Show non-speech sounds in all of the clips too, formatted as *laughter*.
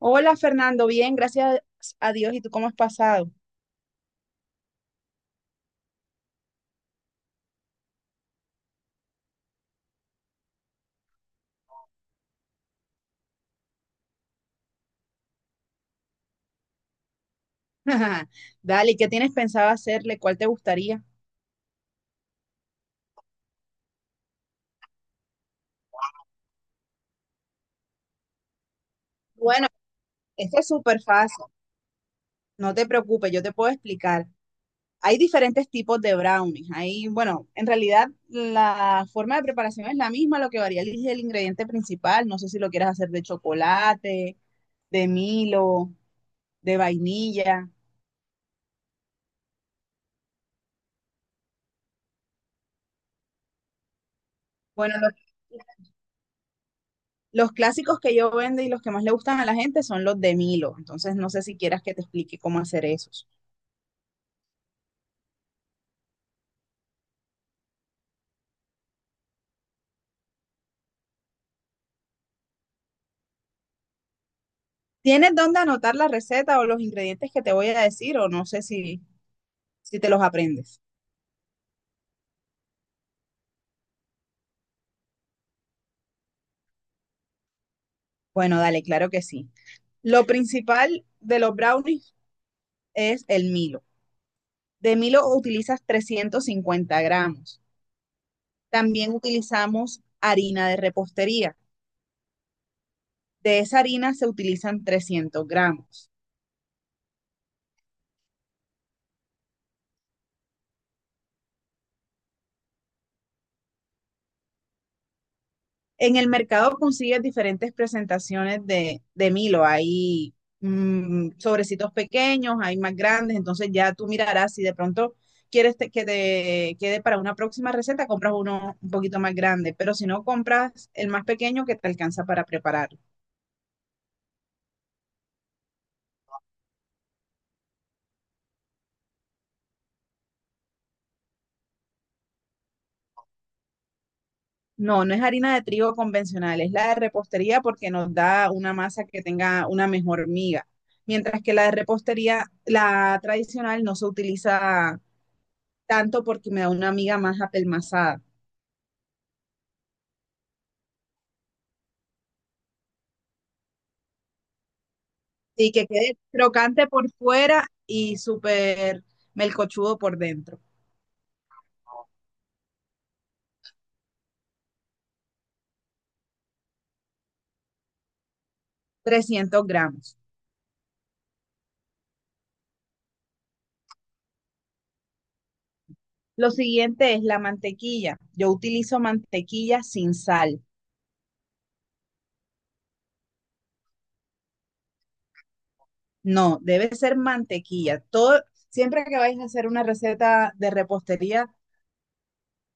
Hola Fernando, bien, gracias a Dios. ¿Y tú cómo has pasado? *laughs* Dale, ¿qué tienes pensado hacerle? ¿Cuál te gustaría? Bueno, esto es súper fácil. No te preocupes, yo te puedo explicar. Hay diferentes tipos de brownies. Hay, bueno, en realidad la forma de preparación es la misma, lo que varía es el ingrediente principal. No sé si lo quieres hacer de chocolate, de Milo, de vainilla. Bueno, los clásicos que yo vendo y los que más le gustan a la gente son los de Milo. Entonces, no sé si quieras que te explique cómo hacer esos. ¿Tienes dónde anotar la receta o los ingredientes que te voy a decir o no sé si te los aprendes? Bueno, dale, claro que sí. Lo principal de los brownies es el Milo. De Milo utilizas 350 gramos. También utilizamos harina de repostería. De esa harina se utilizan 300 gramos. En el mercado consigues diferentes presentaciones de Milo. Hay sobrecitos pequeños, hay más grandes, entonces ya tú mirarás si de pronto quieres que te quede para una próxima receta, compras uno un poquito más grande, pero si no compras el más pequeño que te alcanza para prepararlo. No, no es harina de trigo convencional, es la de repostería porque nos da una masa que tenga una mejor miga, mientras que la de repostería, la tradicional, no se utiliza tanto porque me da una amiga más apelmazada. Sí, que quede crocante por fuera y súper melcochudo por dentro. 300 gramos. Lo siguiente es la mantequilla. Yo utilizo mantequilla sin sal. No, debe ser mantequilla. Todo, siempre que vais a hacer una receta de repostería,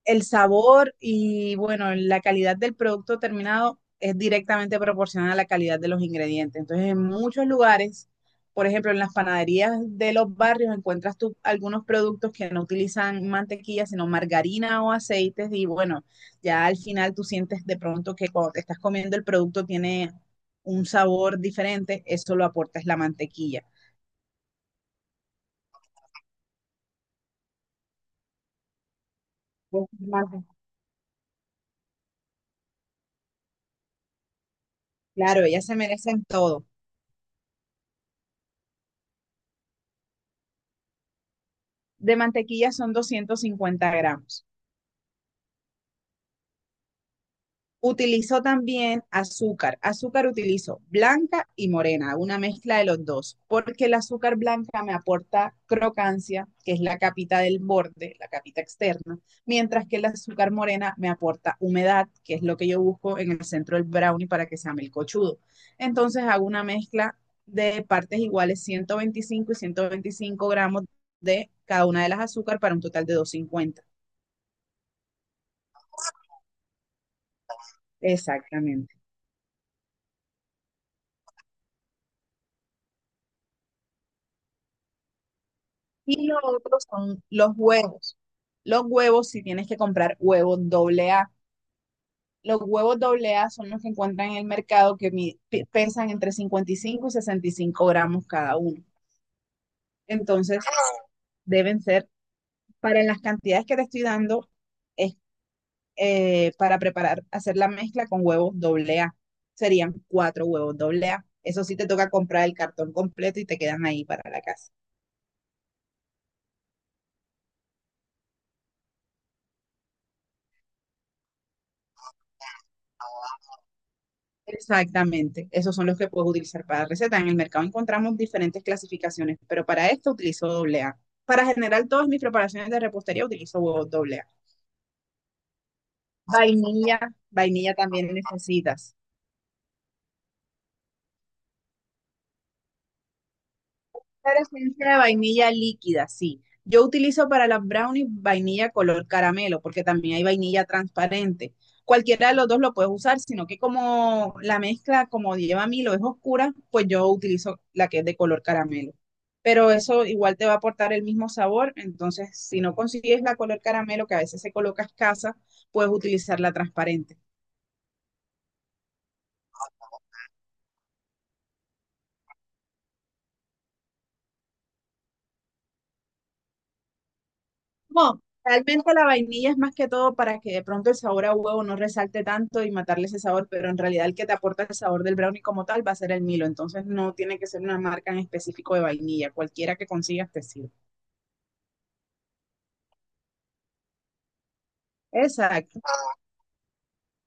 el sabor y bueno, la calidad del producto terminado es directamente proporcional a la calidad de los ingredientes. Entonces, en muchos lugares, por ejemplo, en las panaderías de los barrios encuentras tú algunos productos que no utilizan mantequilla, sino margarina o aceites y bueno, ya al final tú sientes de pronto que cuando te estás comiendo el producto tiene un sabor diferente, eso lo aporta es la mantequilla. Pues, Marta, claro, ellas se merecen todo. De mantequilla son 250 gramos. Utilizó también azúcar. Azúcar utilizo blanca y morena, una mezcla de los dos, porque el azúcar blanca me aporta crocancia, que es la capita del borde, la capita externa, mientras que el azúcar morena me aporta humedad, que es lo que yo busco en el centro del brownie para que sea melcochudo. Entonces hago una mezcla de partes iguales, 125 y 125 gramos de cada una de las azúcar para un total de 250. Exactamente. Y lo otro son los huevos. Los huevos, si tienes que comprar huevos doble A. Los huevos doble A son los que encuentran en el mercado que pesan entre 55 y 65 gramos cada uno. Entonces, deben ser, para las cantidades que te estoy dando, es para preparar, hacer la mezcla con huevos doble A. Serían 4 huevos doble A. Eso sí te toca comprar el cartón completo y te quedan ahí para la casa. Exactamente, esos son los que puedes utilizar para receta. En el mercado encontramos diferentes clasificaciones, pero para esto utilizo doble A. Para generar todas mis preparaciones de repostería utilizo huevos doble A. Vainilla, vainilla también necesitas. Claro, esencia de vainilla líquida, sí. Yo utilizo para las brownies vainilla color caramelo, porque también hay vainilla transparente. Cualquiera de los dos lo puedes usar, sino que como la mezcla, como lleva Milo, es oscura, pues yo utilizo la que es de color caramelo. Pero eso igual te va a aportar el mismo sabor, entonces si no consigues la color caramelo, que a veces se coloca escasa, puedes utilizar la transparente. No, realmente la vainilla es más que todo para que de pronto el sabor a huevo no resalte tanto y matarle ese sabor, pero en realidad el que te aporta el sabor del brownie como tal va a ser el Milo, entonces no tiene que ser una marca en específico de vainilla, cualquiera que consigas te sirve. Exacto.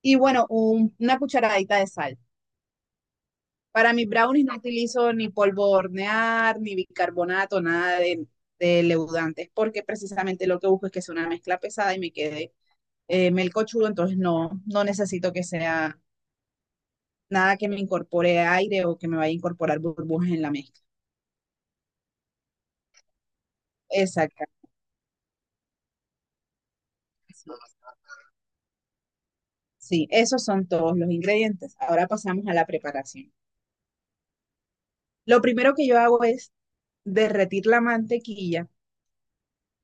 Y bueno, una cucharadita de sal. Para mis brownies no utilizo ni polvo de hornear, ni bicarbonato, nada de leudantes, porque precisamente lo que busco es que sea una mezcla pesada y me quede melcochudo, entonces no, no necesito que sea nada que me incorpore aire o que me vaya a incorporar burbujas en la mezcla. Exacto. Sí, esos son todos los ingredientes. Ahora pasamos a la preparación. Lo primero que yo hago es derretir la mantequilla.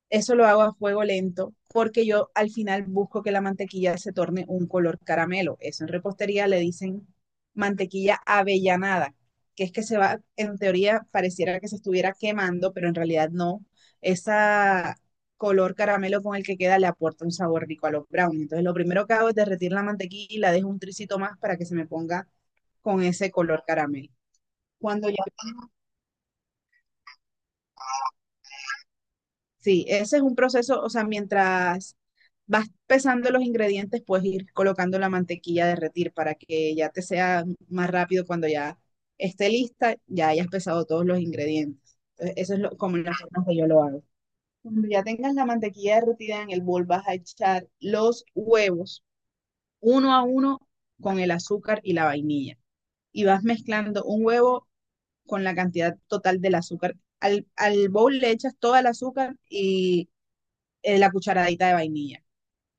Eso lo hago a fuego lento porque yo al final busco que la mantequilla se torne un color caramelo. Eso en repostería le dicen mantequilla avellanada, que es que se va, en teoría pareciera que se estuviera quemando, pero en realidad no. Esa color caramelo con el que queda le aporta un sabor rico a los brownies. Entonces lo primero que hago es derretir la mantequilla y la dejo un tricito más para que se me ponga con ese color caramelo. Cuando Sí, ese es un proceso, o sea, mientras vas pesando los ingredientes, puedes ir colocando la mantequilla a derretir para que ya te sea más rápido cuando ya esté lista, ya hayas pesado todos los ingredientes. Entonces, eso es como las formas que yo lo hago. Cuando ya tengas la mantequilla derretida en el bol, vas a echar los huevos uno a uno con el azúcar y la vainilla. Y vas mezclando un huevo con la cantidad total del azúcar. Al bowl le echas todo el azúcar y la cucharadita de vainilla.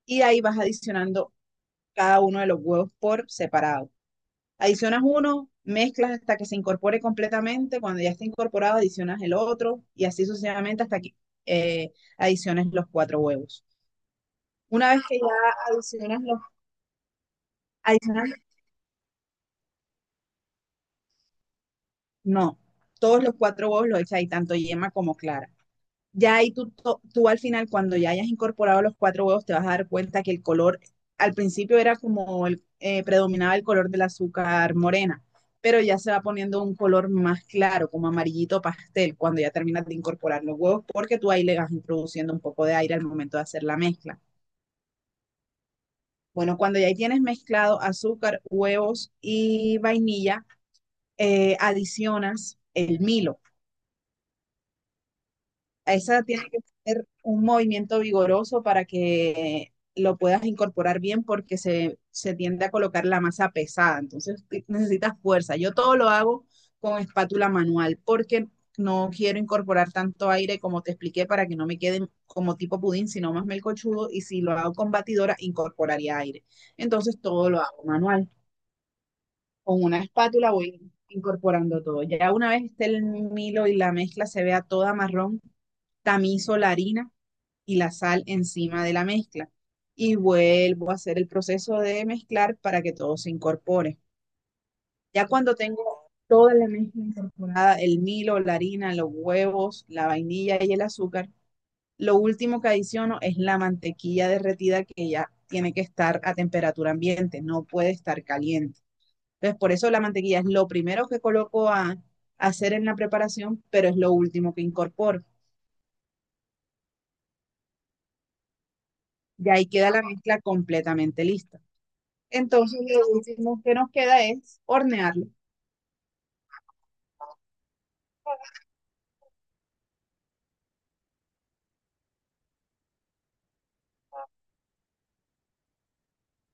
Y ahí vas adicionando cada uno de los huevos por separado. Adicionas uno, mezclas hasta que se incorpore completamente. Cuando ya esté incorporado, adicionas el otro y así sucesivamente hasta que adiciones los 4 huevos. Una vez que ya adicionas los, adicionas, no, todos los 4 huevos los echas ahí, tanto yema como clara. Ya ahí tú, tú al final, cuando ya hayas incorporado los 4 huevos, te vas a dar cuenta que el color, al principio era como el, predominaba el color del azúcar morena, pero ya se va poniendo un color más claro, como amarillito pastel, cuando ya terminas de incorporar los huevos, porque tú ahí le vas introduciendo un poco de aire al momento de hacer la mezcla. Bueno, cuando ya ahí tienes mezclado azúcar, huevos y vainilla, adicionas el Milo. Esa tiene que ser un movimiento vigoroso para que lo puedas incorporar bien porque se tiende a colocar la masa pesada, entonces necesitas fuerza. Yo todo lo hago con espátula manual porque no quiero incorporar tanto aire como te expliqué para que no me quede como tipo pudín, sino más melcochudo y si lo hago con batidora incorporaría aire. Entonces todo lo hago manual. Con una espátula voy incorporando todo. Ya una vez esté el milo y la mezcla se vea toda marrón, tamizo la harina y la sal encima de la mezcla. Y vuelvo a hacer el proceso de mezclar para que todo se incorpore. Ya cuando tengo toda la mezcla incorporada, el milo, la harina, los huevos, la vainilla y el azúcar, lo último que adiciono es la mantequilla derretida que ya tiene que estar a temperatura ambiente, no puede estar caliente. Entonces, por eso la mantequilla es lo primero que coloco a hacer en la preparación, pero es lo último que incorporo. Y ahí queda la mezcla completamente lista. Entonces, lo último que nos queda es hornearlo.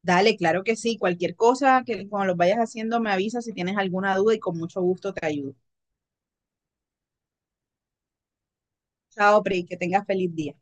Dale, claro que sí. Cualquier cosa que cuando lo vayas haciendo me avisas si tienes alguna duda y con mucho gusto te ayudo. Chao, Pri, que tengas feliz día.